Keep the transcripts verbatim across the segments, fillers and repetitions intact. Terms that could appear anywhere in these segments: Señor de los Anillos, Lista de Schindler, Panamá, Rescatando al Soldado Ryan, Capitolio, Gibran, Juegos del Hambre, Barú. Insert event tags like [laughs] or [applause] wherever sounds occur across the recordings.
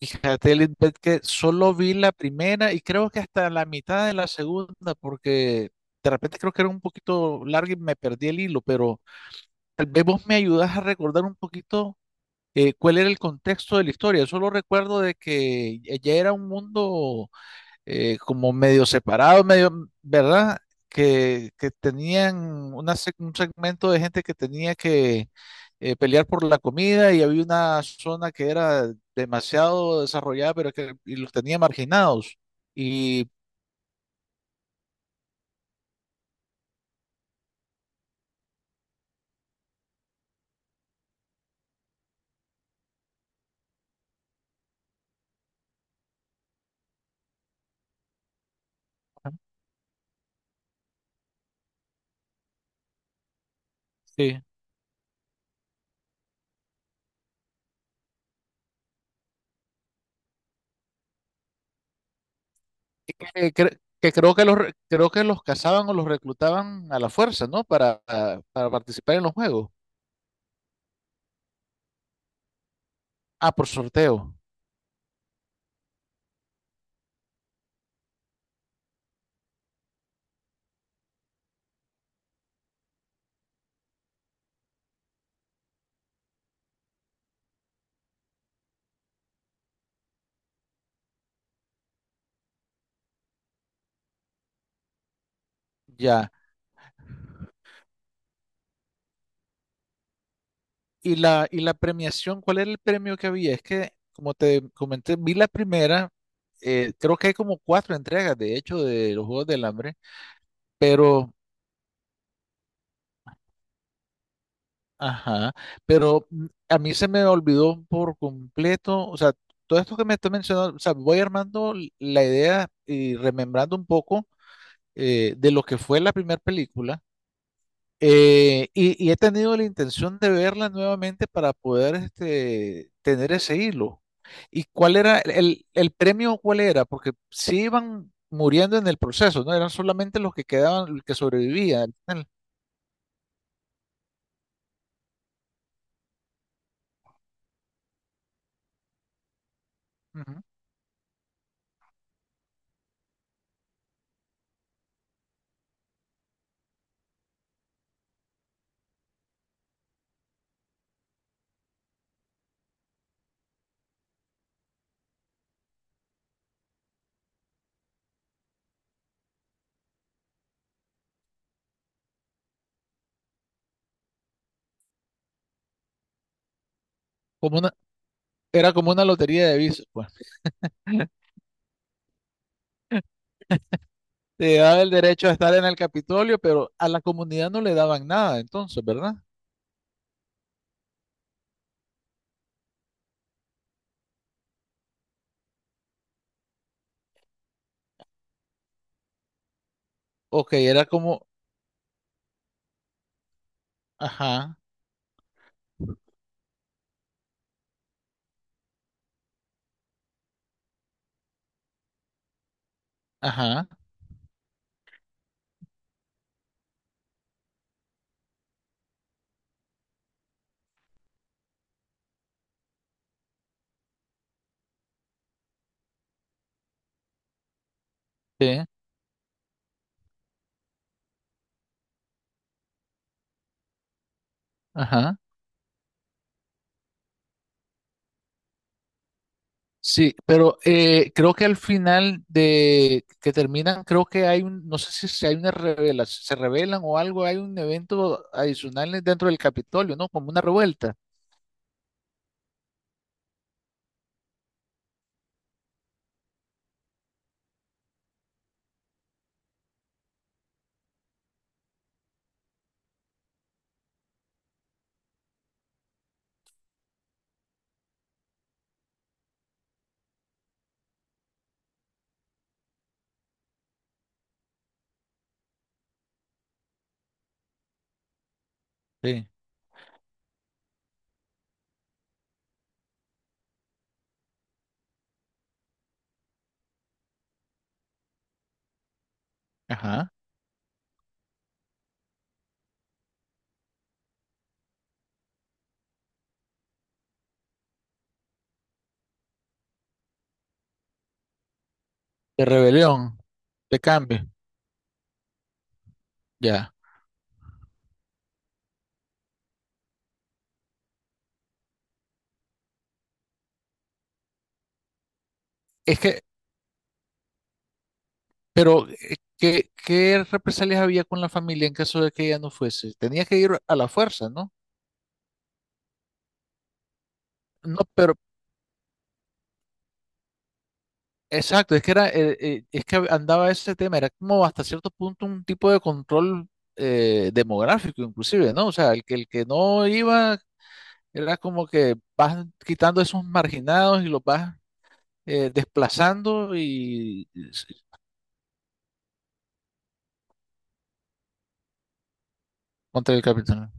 Fíjate, Lisbeth, que solo vi la primera y creo que hasta la mitad de la segunda, porque de repente creo que era un poquito larga y me perdí el hilo, pero tal vez vos me ayudás a recordar un poquito eh, cuál era el contexto de la historia. Solo recuerdo de que ya era un mundo eh, como medio separados, medio, ¿verdad? Que, que tenían una, sec- un segmento de gente que tenía que eh, pelear por la comida y había una zona que era demasiado desarrollada, pero que y los tenía marginados. Y sí. Y que, cre- que creo que los re- creo que los cazaban o los reclutaban a la fuerza, ¿no? Para, para participar en los juegos. Ah, por sorteo. Ya. Y la, y la premiación, ¿cuál era el premio que había? Es que, como te comenté, vi la primera, eh, creo que hay como cuatro entregas, de hecho, de los Juegos del Hambre, pero, ajá, pero mm, a mí se me olvidó por completo, o sea, todo esto que me está mencionando, o sea, voy armando l- la idea y remembrando un poco eh, de lo que fue la primera película. Eh, y, y he tenido la intención de verla nuevamente para poder este, tener ese hilo. ¿Y cuál era el, el premio? ¿Cuál era? Porque sí iban muriendo en el proceso, ¿no? Eran solamente los que quedaban, los que sobrevivían al final. Ujú. Como una, era como una lotería de visas, pues. Te daba el derecho a estar en el Capitolio, pero a la comunidad no le daban nada, entonces, ¿verdad? Ok, era como, ajá, ajá, sí, ajá. Sí, pero eh, creo que al final de que terminan, creo que hay un, no sé si, si hay una revelación, se revelan o algo, hay un evento adicional dentro del Capitolio, ¿no? Como una revuelta. Sí. Ajá. De rebelión, de cambio, ya. Es que, pero, eh, ¿qué, qué represalias había con la familia en caso de que ella no fuese? Tenía que ir a la fuerza, ¿no? No, pero, exacto, es que era, eh, eh, es que andaba ese tema, era como hasta cierto punto un tipo de control eh, demográfico, inclusive, ¿no? O sea, el que el que no iba era como que vas quitando esos marginados y los vas eh, desplazando y y s- contra el capitán.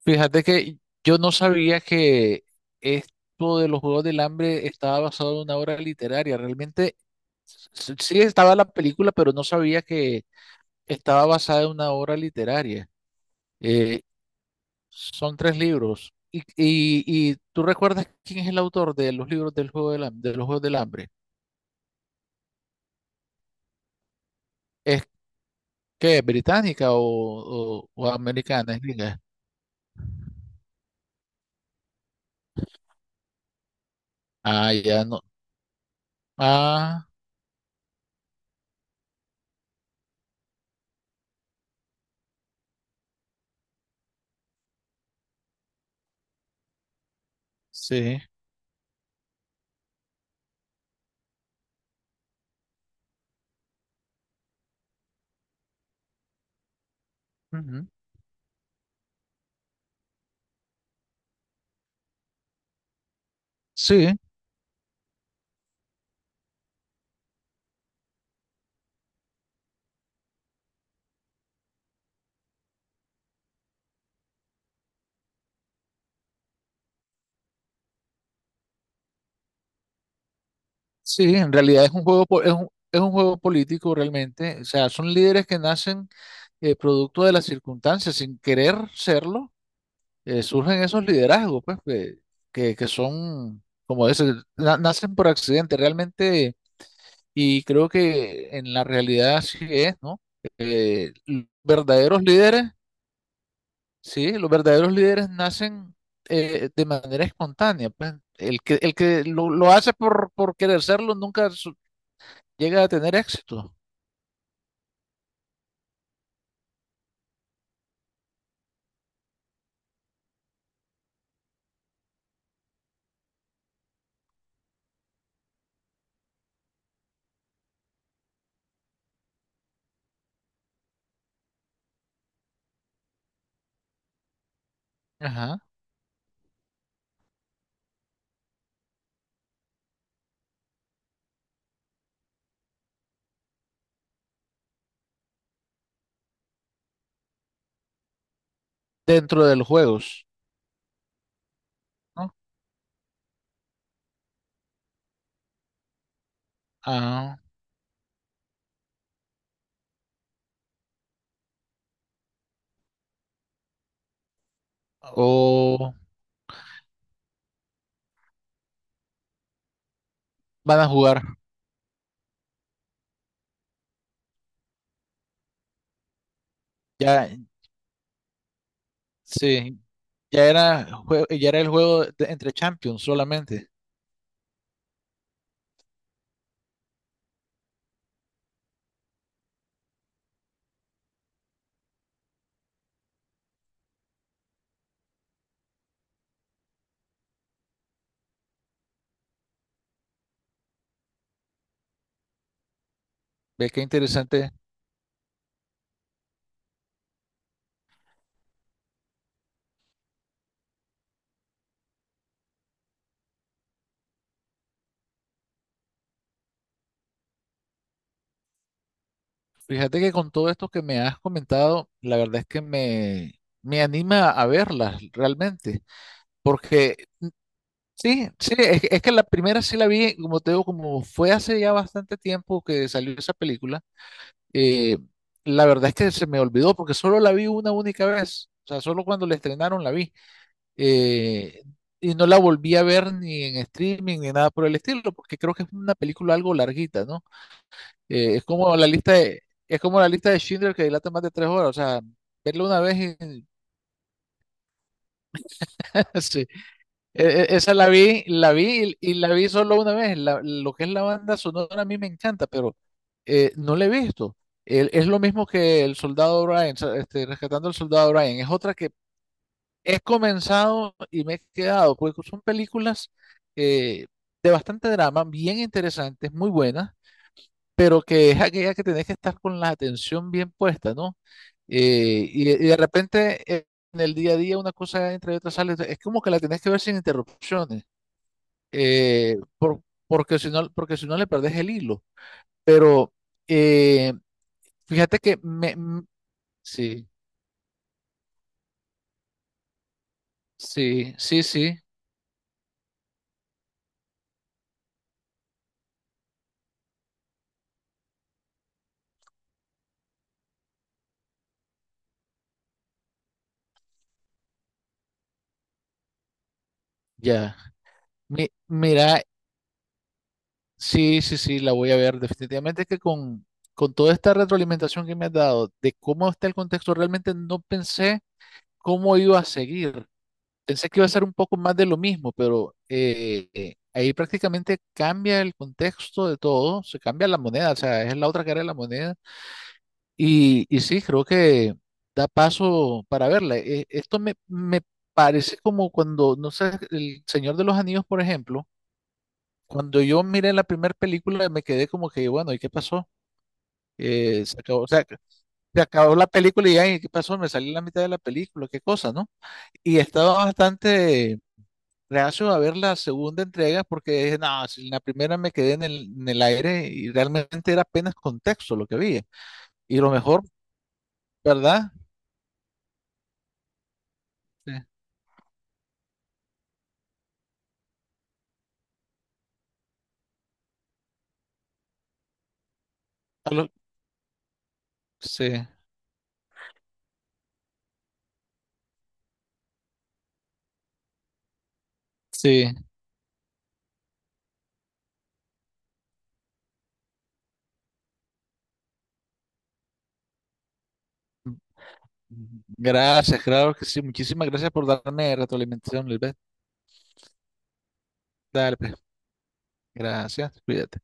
Fíjate que yo no sabía que esto de los Juegos del Hambre estaba basado en una obra literaria. Realmente s- sí estaba la película, pero no sabía que estaba basada en una obra literaria. Eh, Son tres libros. Y, y, y tú recuerdas quién es el autor de los libros del juego del, ham- de los Juegos del Hambre. ¿Es que británica o, o, o americana? Es gringa. Ah, ya no. Ah, sí. Ujú. Sí, sí, en realidad es un juego, po- es un, es un juego político realmente. O sea, son líderes que nacen eh, producto de las circunstancias, sin querer serlo, eh, surgen esos liderazgos, pues, que, que, que son, como ese, nacen por accidente. Realmente y creo que en la realidad así es, ¿no? Eh, los verdaderos líderes, sí, los verdaderos líderes nacen eh, de manera espontánea. Pues el que, el que lo, lo hace por, por querer serlo nunca su- llega a tener éxito. Ajá. Dentro de los juegos, ¿no? Ah, o van a jugar. Ya, sí, ya era, jue- ya era el juego de- entre champions solamente. Ve qué interesante. Fíjate que con todo esto que me has comentado, la verdad es que me, me anima a verlas realmente, porque sí, sí, es, que es que la primera sí la vi, como te digo, como fue hace ya bastante tiempo que salió esa película, eh, la verdad es que se me olvidó porque solo la vi una única vez, o sea, solo cuando la estrenaron la vi, eh, y no la volví a ver ni en streaming ni nada por el estilo, porque creo que es una película algo larguita, ¿no? Eh, es como la lista de, es como la lista de Schindler que dilata más de tres horas. O sea, verlo una vez y [laughs] sí. E- e- Esa la vi, la vi y, y la vi solo una vez. La- lo que es la banda sonora a mí me encanta, pero eh, no la he visto. El- es lo mismo que El Soldado Ryan, o sea, este, Rescatando al Soldado Ryan. Es otra que he comenzado y me he quedado, porque son películas eh, de bastante drama, bien interesantes, muy buenas, pero que es aquella que tenés que estar con la atención bien puesta, ¿no? Eh, y, y de repente eh, en el día a día una cosa entre otras sale, es como que la tenés que ver sin interrupciones, eh, por- porque si no, porque si no le perdés el hilo. Pero eh, fíjate que me, m- sí, sí, sí, sí, ya. Mi- mira, sí, sí, sí, la voy a ver. Definitivamente que con, con toda esta retroalimentación que me has dado de cómo está el contexto, realmente no pensé cómo iba a seguir. Pensé que iba a ser un poco más de lo mismo, pero eh, eh, ahí prácticamente cambia el contexto de todo, se cambia la moneda, o sea, es la otra cara de la moneda. Y, y sí, creo que da paso para verla. Eh, esto me, me parece como cuando, no sé, El Señor de los Anillos, por ejemplo, cuando yo miré la primera película me quedé como que, bueno, ¿y qué pasó? Eh, se acabó, o sea, se acabó la película y ya, ¿y qué pasó? Me salí en la mitad de la película, qué cosa, ¿no? Y estaba bastante reacio a ver la segunda entrega porque dije, no, si en la primera me quedé en el, en el aire y realmente era apenas contexto lo que había. Y lo mejor, ¿verdad? Sí, a lo- sí. Sí. Gracias, claro que sí. Muchísimas gracias por darme retroalimentación, Lisbeth. Dale, pues. Gracias. Cuídate.